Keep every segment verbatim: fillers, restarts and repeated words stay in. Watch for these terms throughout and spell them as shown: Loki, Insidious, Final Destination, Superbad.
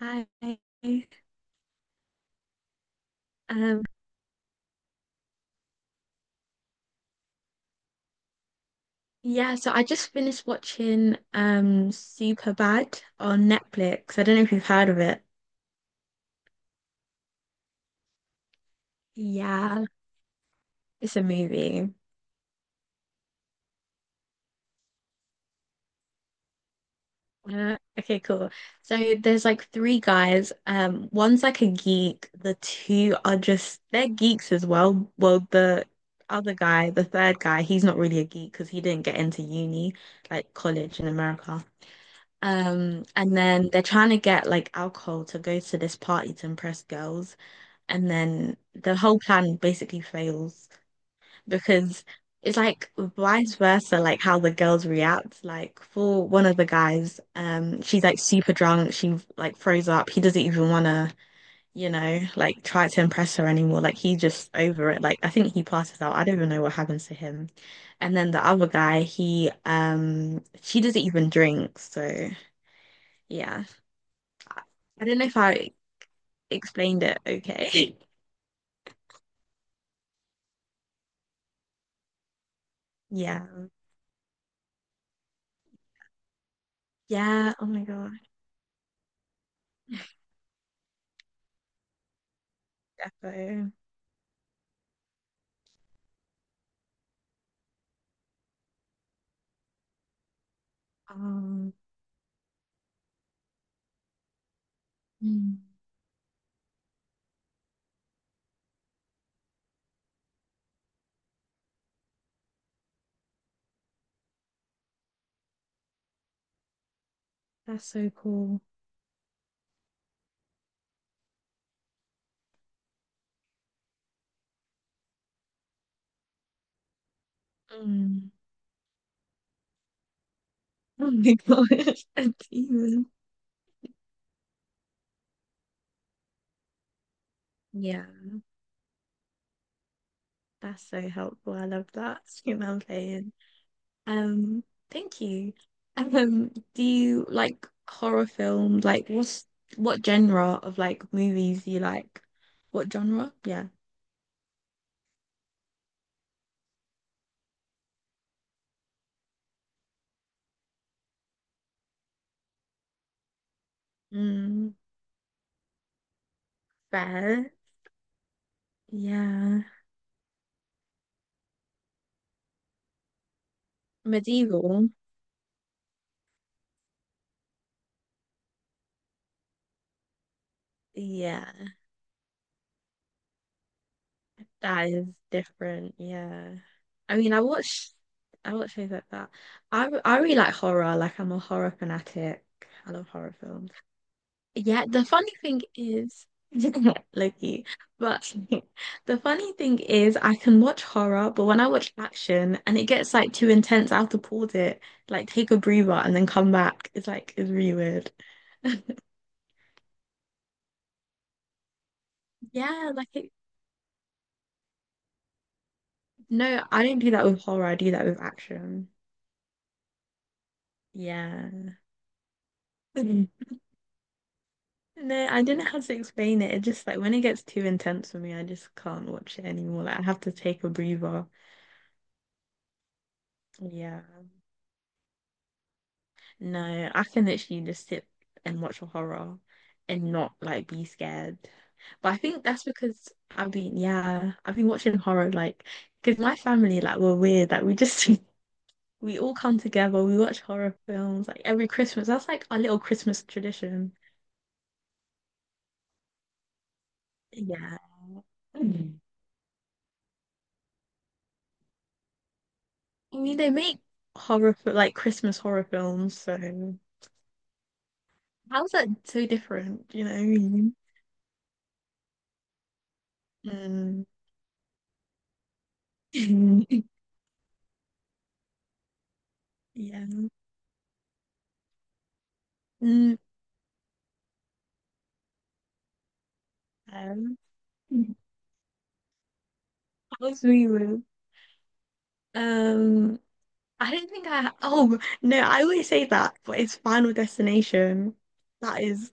Hi. Um, yeah, so I just finished watching um Superbad on Netflix. I don't know if you've heard of it. Yeah, it's a movie. Uh, okay, cool. So there's like three guys. Um, one's like a geek. The two are just they're geeks as well. Well, the other guy, the third guy, he's not really a geek because he didn't get into uni, like college in America. Um, and then they're trying to get like alcohol to go to this party to impress girls. And then the whole plan basically fails because it's like vice versa, like how the girls react. Like for one of the guys, um, she's like super drunk, she like throws up. He doesn't even wanna, you know, like try to impress her anymore. Like he's just over it. Like I think he passes out. I don't even know what happens to him. And then the other guy, he um she doesn't even drink, so yeah. I don't know if I explained it okay. Yeah. Yeah. Oh my God. Defo. Um, mm, that's so cool. Mm. Oh my gosh. A demon. Yeah. That's so helpful. I love that. You know what I'm saying? Um, Thank you. Um, do you like horror films? Like, what's what genre of like movies do you like? What genre? Yeah. Mm, fair. Yeah. Medieval. Yeah, that is different. Yeah. I mean, I watch I watch shows like that. I re- I really like horror. Like I'm a horror fanatic. I love horror films. Yeah, the funny thing is Loki. But the funny thing is I can watch horror, but when I watch action and it gets like too intense, I have to pause it, like take a breather and then come back. It's like it's really weird. Yeah, like it, no, I don't do that with horror. I do that with action. Yeah. Mhm. No, I don't know how to explain it. It just like when it gets too intense for me, I just can't watch it anymore. Like I have to take a breather. Yeah. No, I can literally just sit and watch a horror and not like be scared. But I think that's because I've been, yeah, I've been watching horror like because my family like we're weird. Like we just we all come together. We watch horror films like every Christmas. That's like our little Christmas tradition. Yeah. I mean, they make horror, fi- like Christmas horror films, so how's that so different? You know what I mean? Mm. Yeah. Mm. Um, How's me with? Um, I don't think I. Oh no, I always say that, but it's Final Destination. That is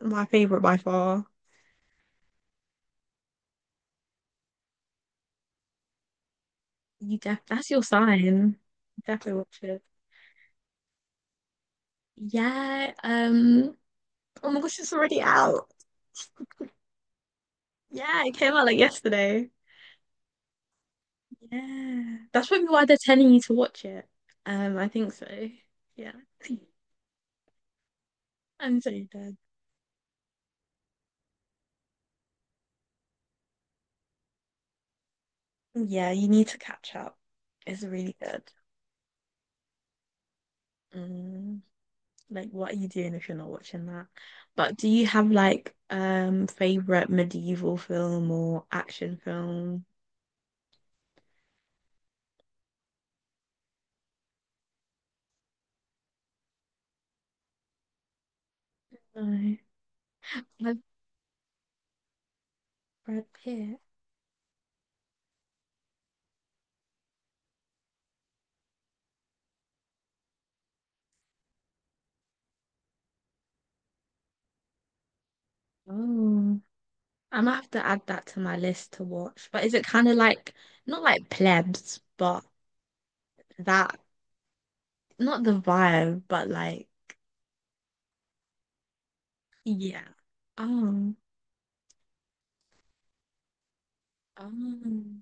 my favorite by far. You def that's your sign. Definitely watch it. Yeah. Um. Oh my gosh, it's already out. Yeah, it came out like yesterday. Yeah. That's probably why they're telling you to watch it. Um, I think so. Yeah. I'm so dead. Yeah, you need to catch up. It's really good. Mm, like, what are you doing if you're not watching that? But do you have like um favorite medieval film or action film? No, like Brad Pitt. Oh, I might have to add that to my list to watch. But is it kind of like not like plebs, but that not the vibe, but like yeah. Oh. Oh.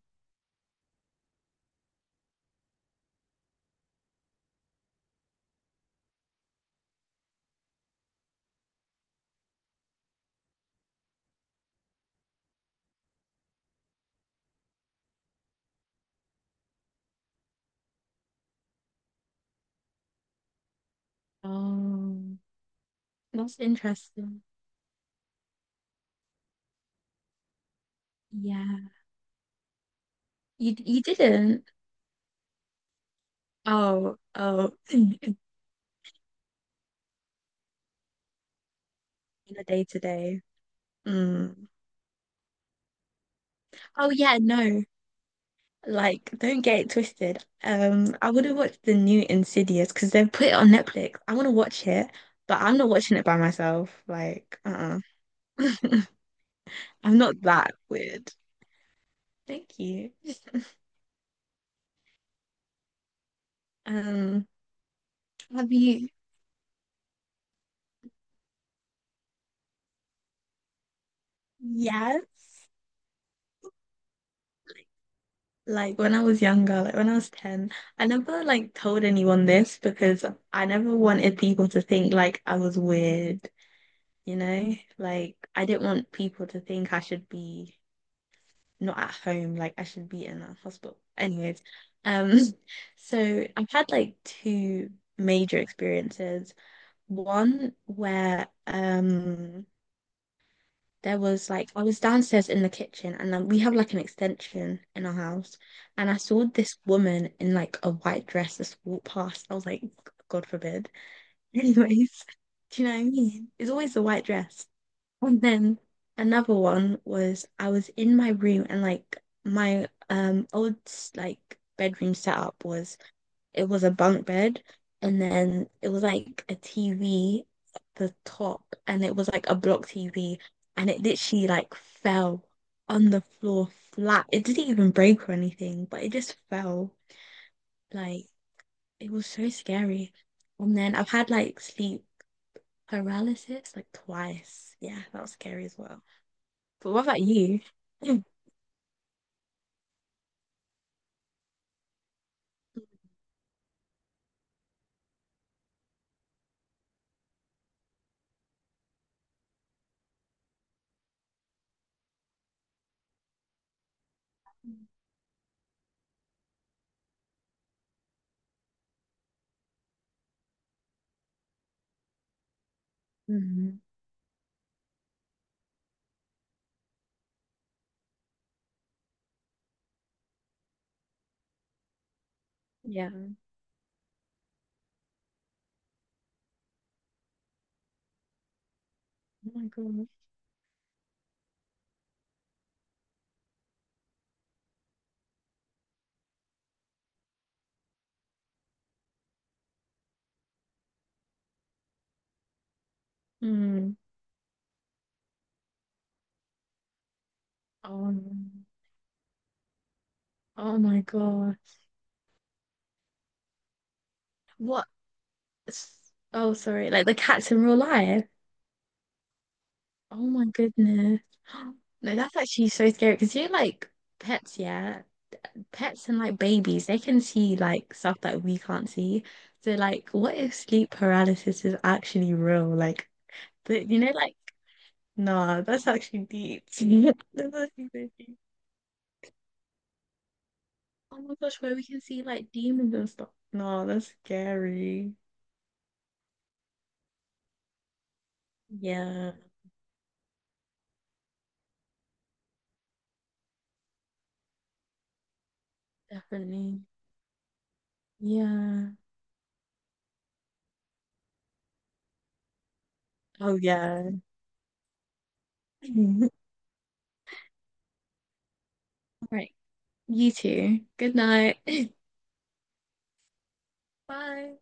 Oh. That's interesting. Yeah. You you didn't. Oh, oh, in the day to day. Mm. Oh yeah, no. Like, don't get it twisted. Um, I would have watched the new Insidious because they've put it on Netflix. I want to watch it, but I'm not watching it by myself. Like, uh-uh. I'm not that weird. Thank you. Um, have you? Yes. Like when I was younger, like when I was ten, I never like told anyone this because I never wanted people to think like I was weird, you know? Like I didn't want people to think I should be not at home, like I should be in a hospital. Anyways, um, so I've had like two major experiences. One where um there was like I was downstairs in the kitchen and then we have like an extension in our house and I saw this woman in like a white dress just walk past. I was like, God forbid. Anyways, do you know what I mean? It's always the white dress. And then another one was I was in my room and like my um old like bedroom setup was it was a bunk bed, and then it was like a T V at the top, and it was like a block T V, and it literally like fell on the floor flat. It didn't even break or anything, but it just fell. Like it was so scary. And then I've had like sleep paralysis like twice. Yeah, that was scary as well. But what about you? Mm, yeah. Oh my God. Mm. Oh, no. Oh my God. What s- Oh, sorry. Like the cats in real life. Oh my goodness. No, that's actually so scary because you're like pets, yeah. Pets and like babies, they can see like stuff that we can't see. So like, what if sleep paralysis is actually real? Like, the, you know, like, nah, that's actually deep. That's actually so deep. Oh my gosh, where we can see like demons and stuff. No, that's scary. Yeah, definitely. Yeah. Oh yeah. Right. You too. Good night. Bye.